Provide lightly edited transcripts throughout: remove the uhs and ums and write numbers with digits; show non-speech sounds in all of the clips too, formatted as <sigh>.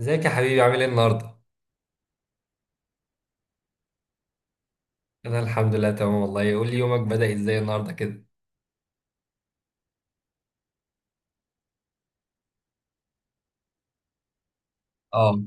ازيك يا حبيبي، عامل ايه النهارده؟ انا الحمد لله تمام والله. قول لي، يومك بدأ ازاي النهارده كده؟ اه،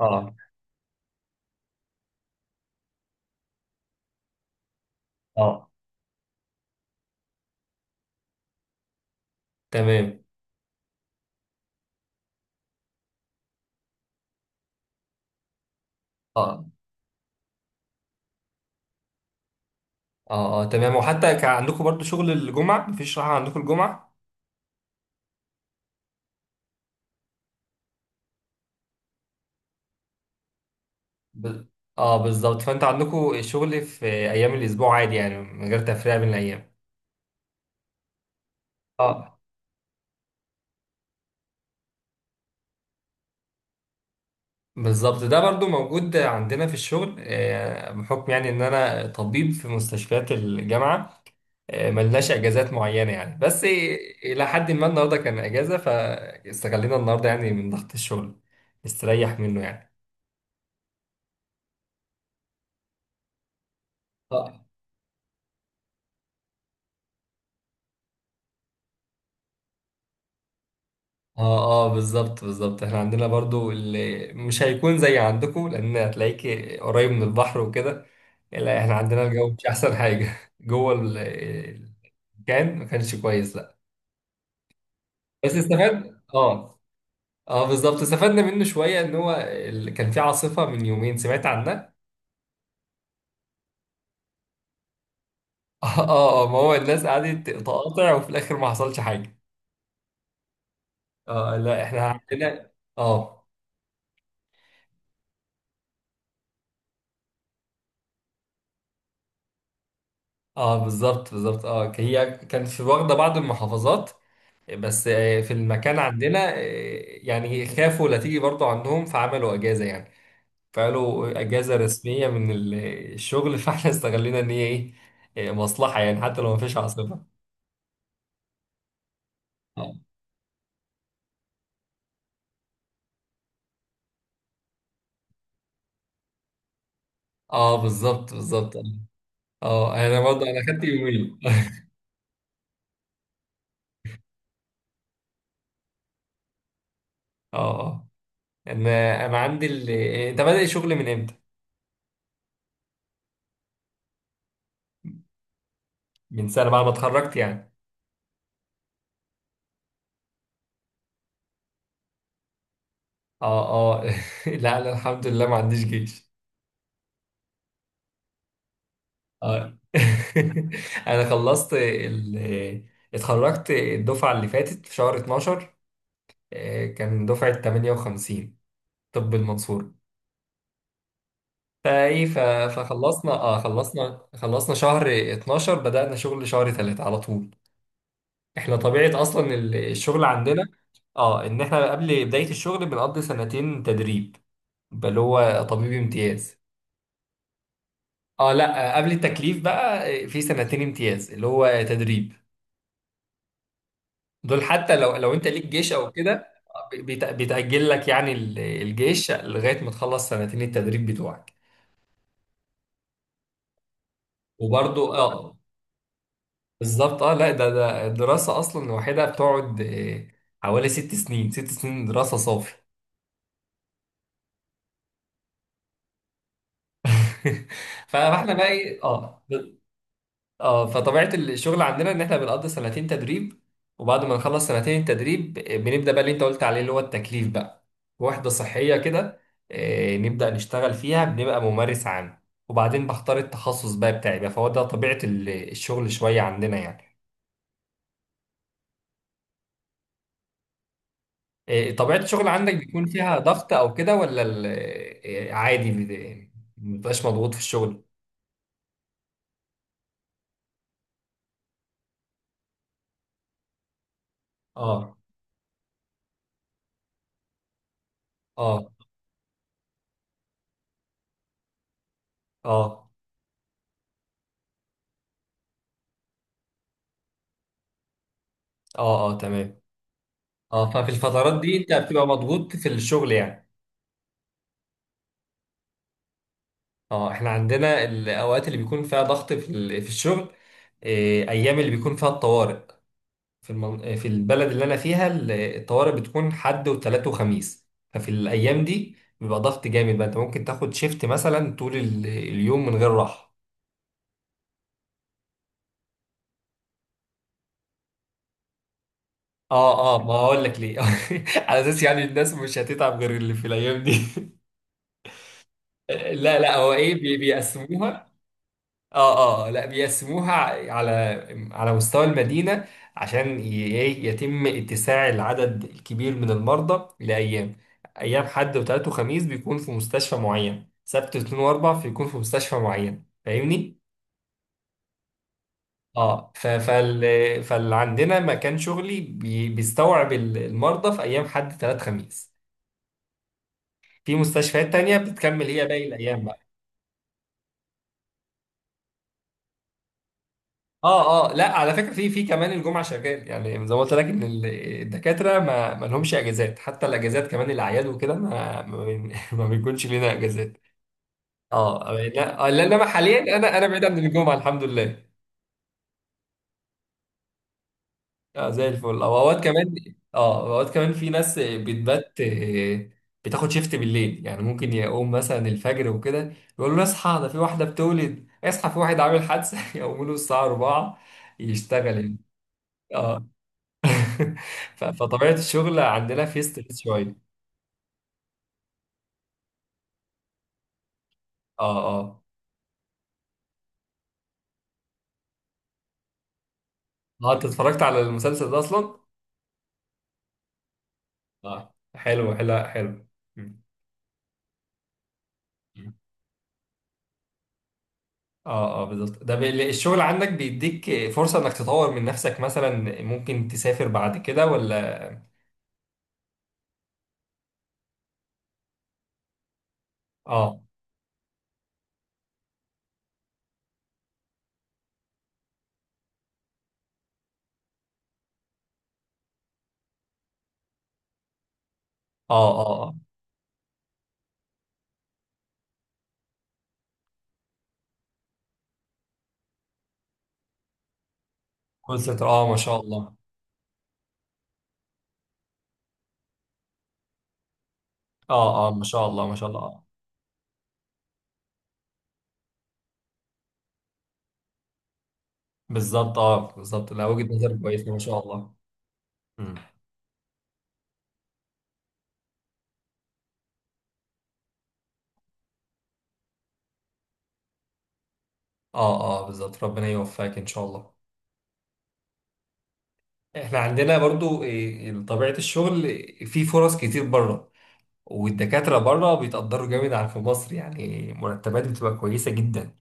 اه، اه، تمام. اه، اه، اه، تمام. وحتى كان عندكم برضو شغل الجمعة؟ مفيش راحة عندكم الجمعة؟ ب... اه، بالظبط. فانت عندكم الشغل في ايام الاسبوع عادي، يعني من غير تفرقة بين الايام. اه، بالظبط، ده برضو موجود عندنا في الشغل، بحكم يعني ان انا طبيب في مستشفيات الجامعة. ملناش اجازات معينه يعني، بس الى حد ما النهارده كان اجازه، فاستغلينا النهارده يعني من ضغط الشغل نستريح منه يعني. اه، اه، بالظبط بالظبط، احنا عندنا برضو اللي مش هيكون زي عندكم، لان هتلاقيك قريب من البحر وكده. لا، احنا عندنا الجو مش احسن حاجه <laughs> جوه ال- كان ما كانش كويس، لا. بس استفاد، اه. اه، بالظبط، استفدنا منه شويه، ان هو كان في عاصفه من يومين سمعت عنها. <laughs> اه، اه، ما هو الناس قعدت تقاطع، وفي الاخر ما حصلش حاجه. اه، لا، احنا عندنا. اه، اه، بالظبط بالظبط، اه، هي كانت في واخده بعض المحافظات، بس في المكان عندنا، يعني خافوا لا تيجي برضو عندهم، فعملوا اجازه يعني. فعملوا اجازه رسميه من الشغل <laughs> فاحنا استغلينا ان هي ايه، مصلحه يعني، حتى لو ما فيش عاصفه. اه، بالظبط بالظبط، اه. انا برضو انا خدت يومين. <laughs> اه، آه. انا عندي ده بدأ شغل من امتى؟ من سنه، بعد ما اتخرجت يعني. اه، اه. <laughs> لا لا، الحمد لله، ما عنديش جيش. اه <laughs> انا اتخرجت الدفعه اللي فاتت في شهر 12، كان دفعه 58. طب المنصوره؟ فايه ف... فخلصنا، اه، خلصنا شهر 12، بدأنا شغل شهر 3 على طول. احنا طبيعه اصلا الشغل عندنا، اه، ان احنا قبل بدايه الشغل بنقضي سنتين تدريب، بل هو طبيب امتياز. اه، لا، قبل التكليف بقى، في سنتين امتياز اللي هو تدريب. دول حتى لو انت ليك جيش او كده، بيتأجل لك يعني الجيش لغاية ما تخلص سنتين التدريب بتوعك. وبرضو اه، بالظبط، اه، لا، ده الدراسة اصلا لوحدها بتقعد، حوالي ست سنين، ست سنين دراسة صافي. <laughs> فاحنا بقى ايه، اه، اه، فطبيعة الشغل عندنا ان احنا بنقضي سنتين تدريب، وبعد ما نخلص سنتين التدريب بنبدأ بقى اللي انت قلت عليه، اللي هو التكليف بقى. وحدة صحية كده، نبدأ نشتغل فيها، بنبقى ممارس عام، وبعدين بختار التخصص بقى بتاعي بقى. فهو ده طبيعة الشغل شوية عندنا يعني. طبيعة الشغل عندك بيكون فيها ضغط او كده، ولا عادي؟ مبتبقاش مضغوط في الشغل. اه، اه، اه، اه، اه، تمام. اه، ففي الفترات دي انت بتبقى مضغوط في الشغل يعني. اه، احنا عندنا الاوقات اللي بيكون فيها ضغط في الشغل، إيه، ايام اللي بيكون فيها الطوارئ. في البلد اللي انا فيها الطوارئ بتكون حد وثلاث وخميس. ففي الايام دي بيبقى ضغط جامد بقى، انت ممكن تاخد شيفت مثلا طول اليوم من غير راحه. اه، اه، ما هقول لك ليه. <laughs> على اساس يعني الناس مش هتتعب غير اللي في الايام دي. <laughs> لا لا، هو ايه، بيقسموها، اه، اه، لا، بيقسموها على مستوى المدينة، عشان ايه يتم اتساع العدد الكبير من المرضى لأيام. أيام حد وتلات وخميس بيكون في مستشفى معين، سبت واثنين وأربع بيكون في مستشفى معين، فاهمني؟ اه، فاللي عندنا مكان شغلي بيستوعب المرضى في أيام حد تلات خميس، في مستشفيات تانية بتكمل هي باقي الأيام. اه، اه، لا، على فكره، في كمان الجمعه شغال يعني، زي ما قلت لك ان الدكاتره ما لهمش اجازات، حتى الاجازات كمان الاعياد وكده ما ما, بين- <laughs> ما بيكونش لنا اجازات. اه، آه، لا، آه، لا، انما حاليا انا بعيد عن الجمعه الحمد لله. اه، زي الفل، او اوقات كمان، اه، اوقات كمان في ناس بتبات، بتاخد شيفت بالليل يعني، ممكن يقوم مثلا الفجر وكده يقول له اصحى، ده في واحده بتولد، اصحى في واحد عامل حادثه. <laughs> يقوموا له الساعه 4 يشتغل. آه، <laughs> فطبيعة الشغل عندنا في ستريس شوية. اه، اه، اه، انت اتفرجت على المسلسل ده اصلا؟ اه، حلو حلو حلو. مم. اه، اه، بالظبط. ده الشغل عندك بيديك فرصة انك تطور من نفسك، مثلا ممكن تسافر بعد كده، ولا؟ اه، اه، اه، اه، كول سنتر، اه، ما شاء الله. اه، اه، ما شاء الله، ما شاء الله، آه. بالظبط، اه، بالظبط، لا، وجهة نظر كويسة، ما شاء الله. مم. اه، اه، بالظبط، ربنا يوفقك ان شاء الله. احنا عندنا برضو إيه، طبيعة الشغل في فرص كتير بره، والدكاترة بره بيتقدروا جامد عن في مصر يعني، مرتبات بتبقى كويسة جدا.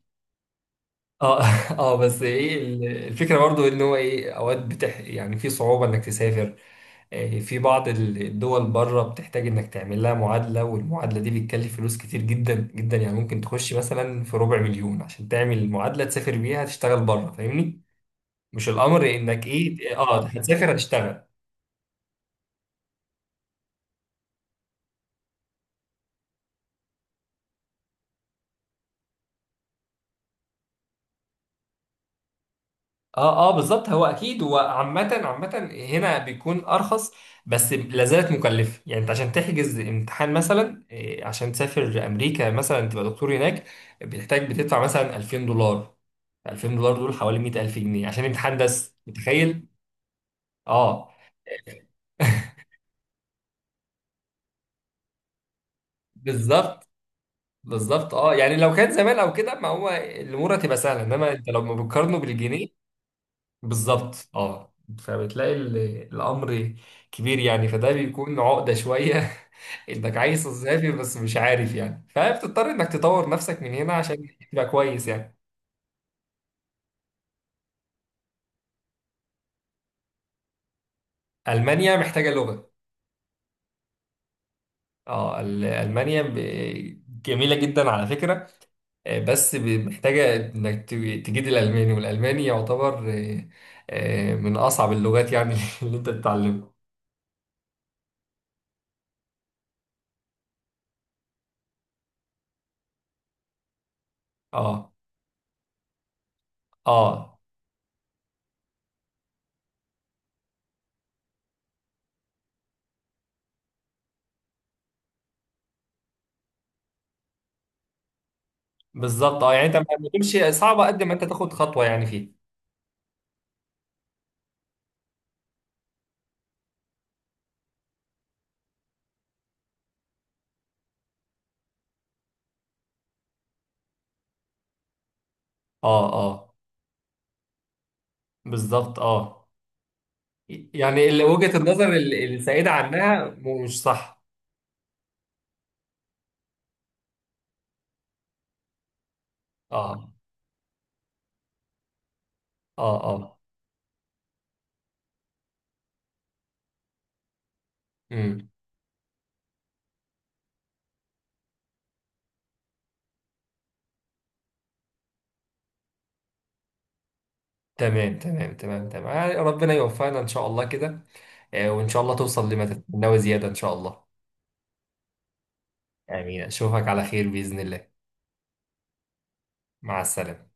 اه <laughs> اه، بس ايه الفكرة برضو، ان هو ايه، اوقات يعني في صعوبة انك تسافر. إيه، في بعض الدول بره بتحتاج انك تعمل لها معادلة، والمعادلة دي بتكلف فلوس كتير جدا جدا، يعني ممكن تخش مثلا في ربع مليون عشان تعمل معادلة تسافر بيها تشتغل بره، فاهمني؟ مش الامر انك ايه، اه، هتسافر هتشتغل. اه، اه، بالظبط، هو اكيد، هو عامة عامة هنا بيكون ارخص، بس لا زالت مكلفة. يعني انت عشان تحجز امتحان مثلا، إيه، عشان تسافر امريكا مثلا تبقى دكتور هناك، بتحتاج بتدفع مثلا 2000 دولار. 2000 دولار دول حوالي 100,000 جنيه عشان امتحان بس، متخيل؟ اه <laughs> بالظبط بالظبط، اه، يعني لو كان زمان او كده ما هو الامور هتبقى سهله، انما انت لو ما بتقارنه بالجنيه، بالظبط، اه، فبتلاقي الامر كبير يعني، فده بيكون عقده شويه. <laughs> انك عايز تسافر بس مش عارف يعني، فبتضطر انك تطور نفسك من هنا عشان تبقى كويس يعني. المانيا محتاجه لغه. اه، المانيا جميله جدا على فكره، بس محتاجه انك تجيد الالماني، والالماني يعتبر، من اصعب اللغات يعني <laughs> اللي انت تتعلمها. اه، اه، بالظبط، اه، يعني انت ما تمشي صعبه قد ما انت تاخد خطوه يعني فيها. اه، اه، بالظبط، اه، يعني اللي وجهة النظر السائدة عنها مش صح. اه، اه، اه، امم، تمام تمام تمام تمام، ربنا يوفقنا ان شاء الله كده، وان شاء الله توصل لما تتمناه زيادة ان شاء الله. امين، اشوفك على خير بإذن الله. مع السلامة.